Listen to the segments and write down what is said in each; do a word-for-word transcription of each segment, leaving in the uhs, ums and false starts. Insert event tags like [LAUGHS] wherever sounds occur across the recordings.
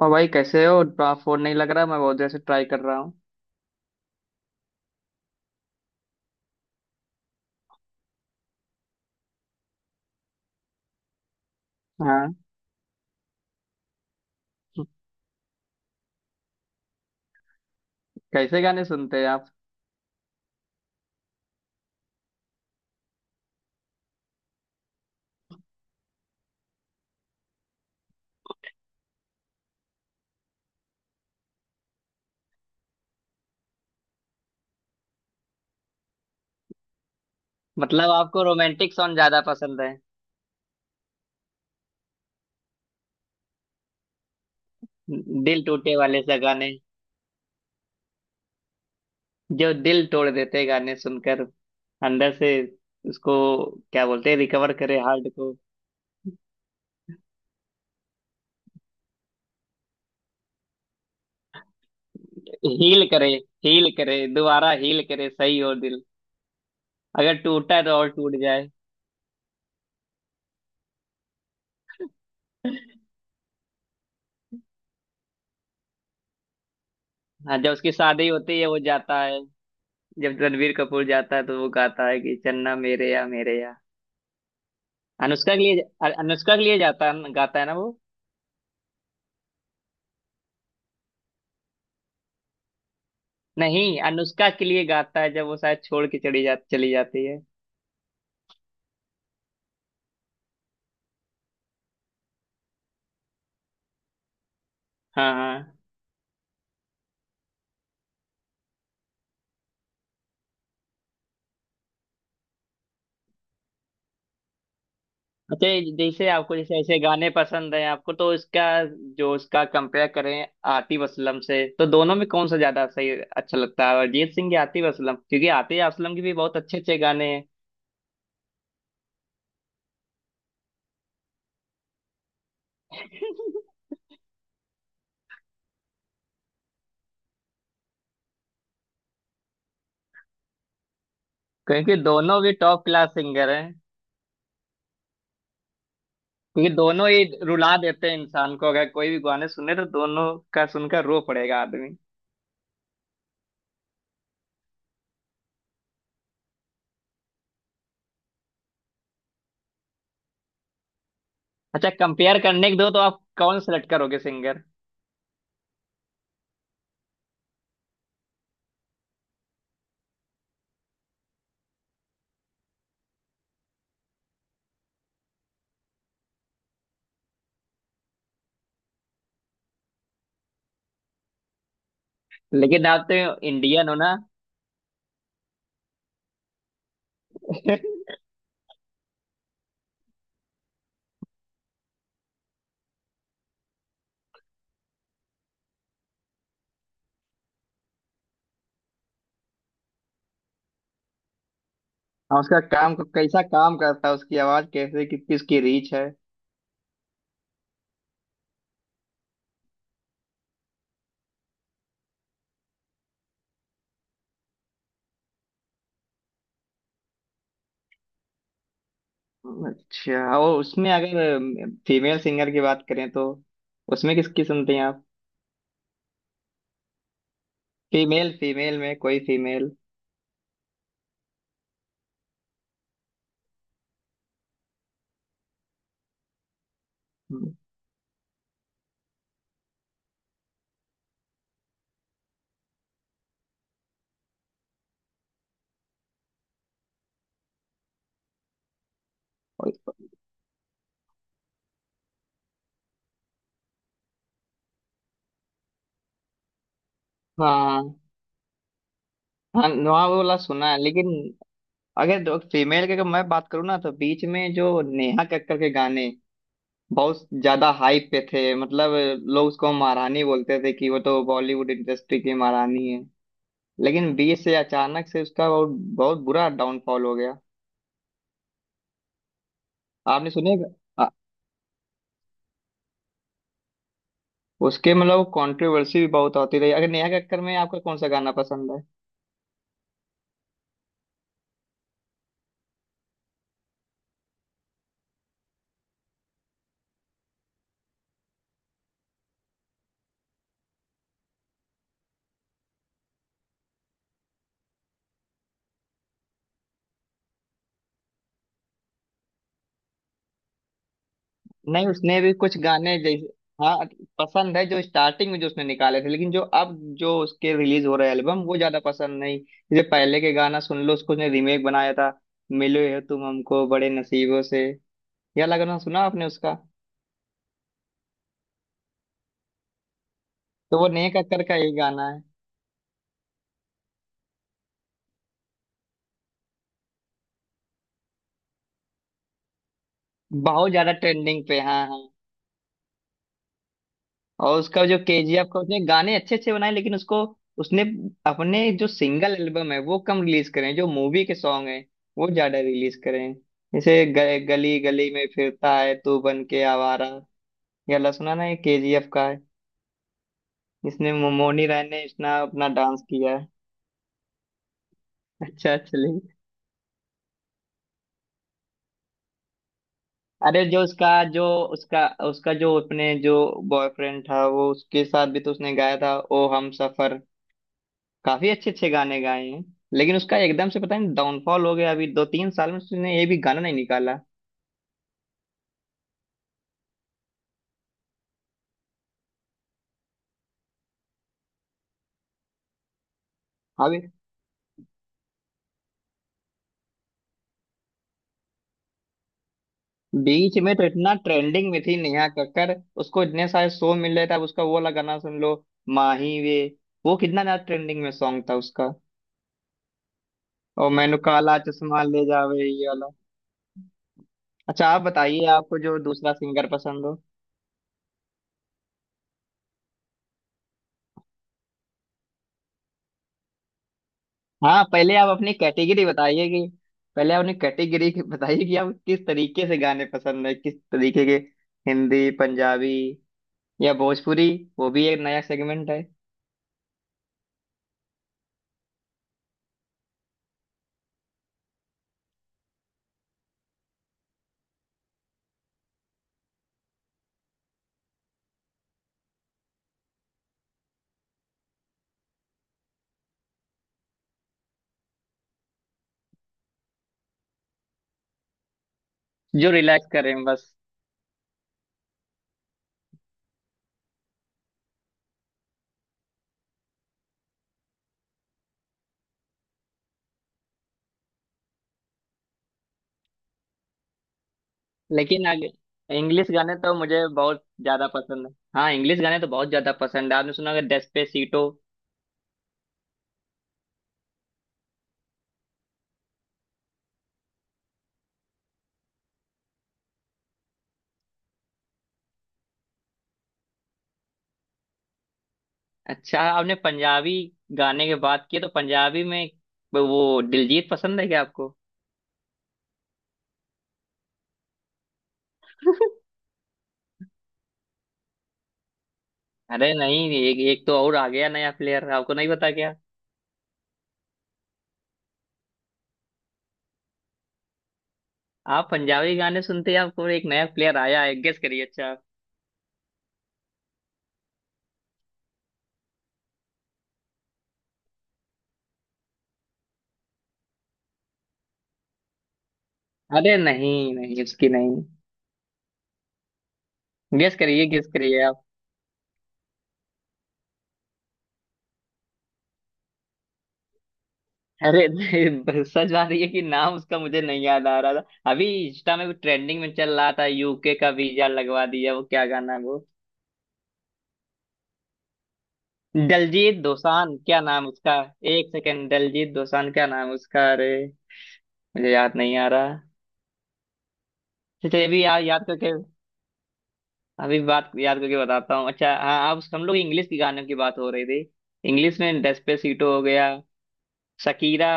और भाई कैसे हो। आप फोन नहीं लग रहा, मैं बहुत देर से ट्राई कर रहा हूँ। हाँ, कैसे गाने सुनते हैं आप? मतलब आपको रोमांटिक सॉन्ग ज्यादा पसंद है? दिल टूटे वाले से गाने, जो दिल तोड़ देते हैं गाने सुनकर अंदर से। उसको क्या बोलते हैं, रिकवर करे हार्ट को। हील करे, हील करे दोबारा, हील करे सही हो दिल, अगर टूटा है तो और टूट जाए। हाँ, जब उसकी शादी होती है वो जाता है। जब रणवीर कपूर जाता है तो वो गाता है कि चन्ना मेरे या मेरे या, अनुष्का के लिए। अनुष्का के लिए जाता गाता है ना वो। नहीं, अनुष्का के लिए गाता है जब वो शायद छोड़ के चली जा चली जाती है। हाँ, हाँ। अच्छा, ये जैसे आपको जैसे ऐसे गाने पसंद हैं आपको तो इसका, जो इसका कंपेयर करें आतिफ असलम से तो दोनों में कौन सा ज्यादा सही अच्छा लगता है, अरिजीत सिंह या आतिफ असलम? क्योंकि आतिफ असलम के भी बहुत अच्छे अच्छे गाने हैं। [LAUGHS] क्योंकि दोनों भी टॉप क्लास सिंगर हैं। क्योंकि दोनों ही रुला देते हैं इंसान को, अगर कोई भी गाने सुने तो दोनों का सुनकर रो पड़ेगा आदमी। अच्छा, कंपेयर करने के दो तो आप कौन सेलेक्ट करोगे सिंगर? लेकिन आप तो इंडियन हो ना। [LAUGHS] हाँ, उसका काम को कैसा, काम करता है उसकी आवाज कैसे, कि, किसकी रीच है। अच्छा, और उसमें अगर फीमेल सिंगर की बात करें तो उसमें किसकी सुनते हैं आप? फीमेल, फीमेल में कोई फीमेल हाँ, हाँ, नुआ वाला सुना है, लेकिन अगर फीमेल की अगर मैं बात करूँ ना तो बीच में जो नेहा कक्कर के गाने बहुत ज्यादा हाइप पे थे, मतलब लोग उसको महारानी बोलते थे कि वो तो बॉलीवुड इंडस्ट्री की महारानी है। लेकिन बीच से अचानक से उसका बहुत बहुत बुरा डाउनफॉल हो गया। आपने सुने? आ- उसके मतलब कंट्रोवर्सी भी बहुत होती रही। अगर नेहा कक्कड़ में आपका कौन सा गाना पसंद है? नहीं, उसने भी कुछ गाने जैसे, हाँ, पसंद है जो स्टार्टिंग में जो उसने निकाले थे, लेकिन जो अब जो उसके रिलीज हो रहे एल्बम वो ज्यादा पसंद नहीं। जैसे पहले के गाना सुन लो उसको, उसने रीमेक बनाया था, मिलो है तुम हमको बड़े नसीबों से, यह लगना सुना आपने उसका? तो वो नेहा कक्कड़ का ही गाना है। बहुत ज्यादा ट्रेंडिंग पे, हाँ, हाँ। और उसका जो केजीएफ का, उसने गाने अच्छे अच्छे बनाए, लेकिन उसको, उसने अपने जो सिंगल एल्बम है वो कम रिलीज करें, जो मूवी के सॉन्ग हैं वो ज्यादा रिलीज करें। जैसे ग- गली गली में फिरता है तू बन के आवारा, यह वाला सुना ना, ये केजीएफ का है, जिसने मो- मोनी राय ने इतना अपना डांस किया है। अच्छा, चलिए। अरे जो उसका, जो उसका उसका जो अपने जो बॉयफ्रेंड था वो, उसके साथ भी तो उसने गाया था, ओ हम सफर, काफी अच्छे अच्छे गाने गाए हैं। लेकिन उसका एकदम से पता नहीं डाउनफॉल हो गया, अभी दो तीन साल में उसने ये भी गाना नहीं निकाला। अभी बीच में तो इतना ट्रेंडिंग में थी नेहा कक्कड़, उसको इतने सारे शो मिल रहे थे। अब उसका वो वाला गाना सुन लो, माही वे, वो कितना ज्यादा ट्रेंडिंग में सॉन्ग था उसका। और मैनू काला चश्मा ले जावे, ये वाला। अच्छा, आप बताइए आपको जो दूसरा सिंगर पसंद हो। हाँ, पहले आप अपनी कैटेगरी बताइए कि पहले आप अपनी कैटेगरी बताइए कि आप किस तरीके से गाने पसंद है, किस तरीके के, हिंदी, पंजाबी, या भोजपुरी? वो भी एक नया सेगमेंट है, जो रिलैक्स करें बस। लेकिन आगे इंग्लिश गाने तो मुझे बहुत ज्यादा पसंद है, हाँ, इंग्लिश गाने तो बहुत ज्यादा पसंद है। आपने सुना होगा, डेस्पेसीटो। अच्छा, आपने पंजाबी गाने की बात की तो पंजाबी में वो दिलजीत पसंद है क्या आपको? अरे नहीं, एक एक तो और आ गया नया प्लेयर, आपको नहीं पता क्या? आप पंजाबी गाने सुनते हैं, आपको एक नया प्लेयर आया है, गेस करिए, अच्छा आप। अरे नहीं, नहीं, उसकी नहीं, गेस करिए, गेस करिए आप। अरे नहीं, सच बात ये है कि नाम उसका मुझे नहीं याद आ रहा था। अभी इंस्टा में ट्रेंडिंग में चल रहा था, यूके का वीजा लगवा दिया, वो क्या गाना है वो? दलजीत दोसांझ, क्या नाम उसका। एक सेकेंड, दलजीत दोसांझ, क्या नाम उसका, अरे मुझे याद नहीं आ रहा। चलिए, अभी याद याद करके, अभी बात याद करके बताता हूँ। अच्छा हाँ, आप, हम लोग इंग्लिश की गानों की बात हो रही थी। इंग्लिश में डेस्पेसिटो हो गया, शकीरा,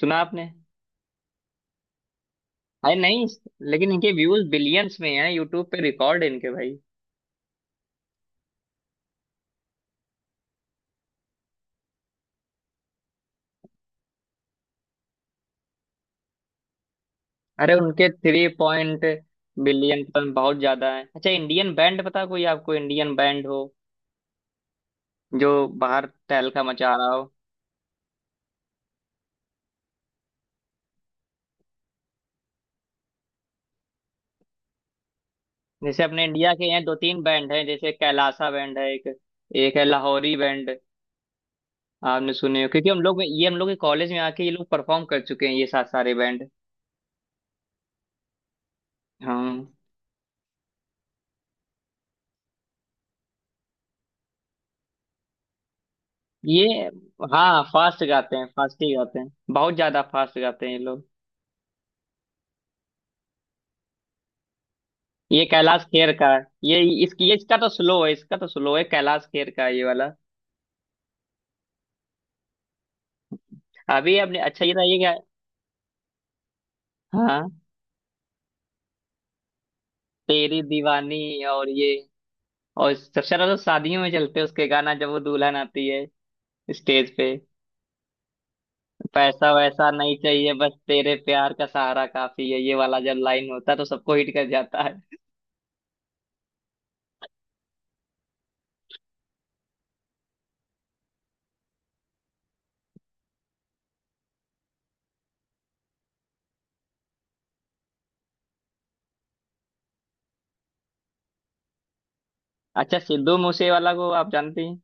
सुना आपने? अरे नहीं, लेकिन इनके व्यूज बिलियंस में हैं, यूट्यूब पे रिकॉर्ड है इनके भाई। अरे उनके थ्री पॉइंट बिलियन टन बहुत ज्यादा है। अच्छा, इंडियन बैंड पता कोई आपको? इंडियन बैंड हो जो बाहर तहलका मचा रहा हो। जैसे अपने इंडिया के यहाँ दो तीन बैंड हैं, जैसे कैलासा बैंड है एक, एक है लाहौरी बैंड, आपने सुने हो? क्योंकि हम लोग में ये हम लोग के कॉलेज में आके ये लोग परफॉर्म कर चुके हैं, ये सात सारे बैंड। हाँ, ये, हाँ, फास्ट गाते हैं, फास्ट ही गाते हैं, बहुत ज्यादा फास्ट गाते हैं ये लोग। ये कैलाश खेर का है। ये इसकी ये इसका तो स्लो है, इसका तो स्लो है, कैलाश खेर का है ये वाला। अभी आपने, अच्छा ये था, ये क्या है? हाँ, तेरी दीवानी, और ये, और सबसे ज्यादा तो शादियों में चलते हैं उसके गाना, जब वो दुल्हन आती है स्टेज पे, पैसा वैसा नहीं चाहिए बस तेरे प्यार का सहारा काफी है, ये वाला जब लाइन होता है तो सबको हिट कर जाता है। अच्छा, सिद्धू मूसेवाला को आप जानती हैं?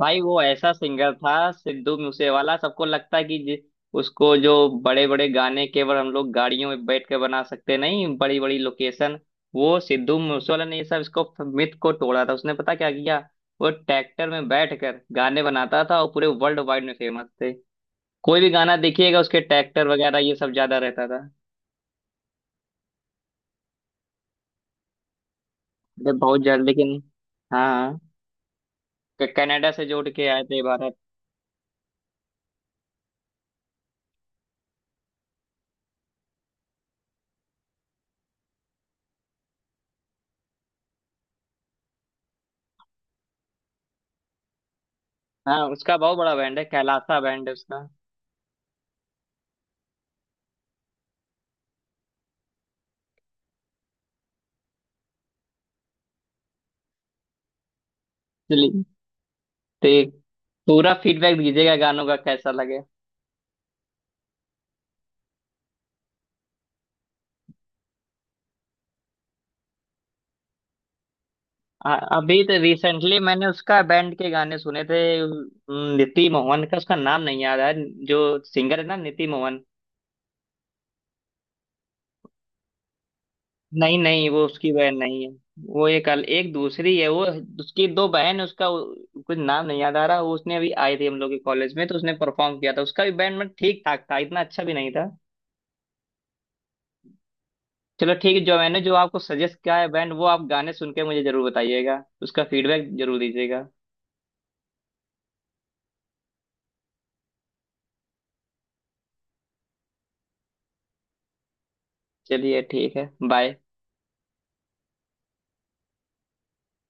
भाई वो ऐसा सिंगर था सिद्धू मूसेवाला, सबको लगता है कि जि- उसको जो बड़े बड़े गाने केवल हम लोग गाड़ियों में बैठ के बना सकते, नहीं, बड़ी बड़ी लोकेशन, वो सिद्धू मूसेवाला ने ये सब इसको, मिथ को तोड़ा था उसने। पता क्या किया, वो ट्रैक्टर में बैठ कर गाने बनाता था, और पूरे वर्ल्ड वाइड में फेमस थे। कोई भी गाना देखिएगा उसके, ट्रैक्टर वगैरह ये सब ज्यादा रहता था। अरे बहुत जल्द, लेकिन हाँ, हाँ, क- कनाडा से जोड़ के आए थे भारत। हाँ, उसका बहुत बड़ा बैंड है कैलासा बैंड है उसका। चलिए, तो ये पूरा फीडबैक दीजिएगा गानों का कैसा लगे। आ- अभी तो रिसेंटली मैंने उसका बैंड के गाने सुने थे, उम, नीति मोहन का, उसका नाम नहीं याद है, जो सिंगर है ना, नीति मोहन। नहीं, नहीं, वो उसकी बहन नहीं है। वो एक अल, एक दूसरी है वो। उसकी दो बहन है, उसका वो- कुछ नाम नहीं याद आ रहा। वो उसने अभी आई थी हम लोग के कॉलेज में तो उसने परफॉर्म किया था, उसका भी बैंड मतलब ठीक ठाक था, इतना अच्छा भी नहीं था। चलो ठीक है, जो मैंने जो आपको सजेस्ट किया है बैंड वो आप गाने सुन के मुझे जरूर बताइएगा, उसका फीडबैक जरूर दीजिएगा। चलिए ठीक है, बाय।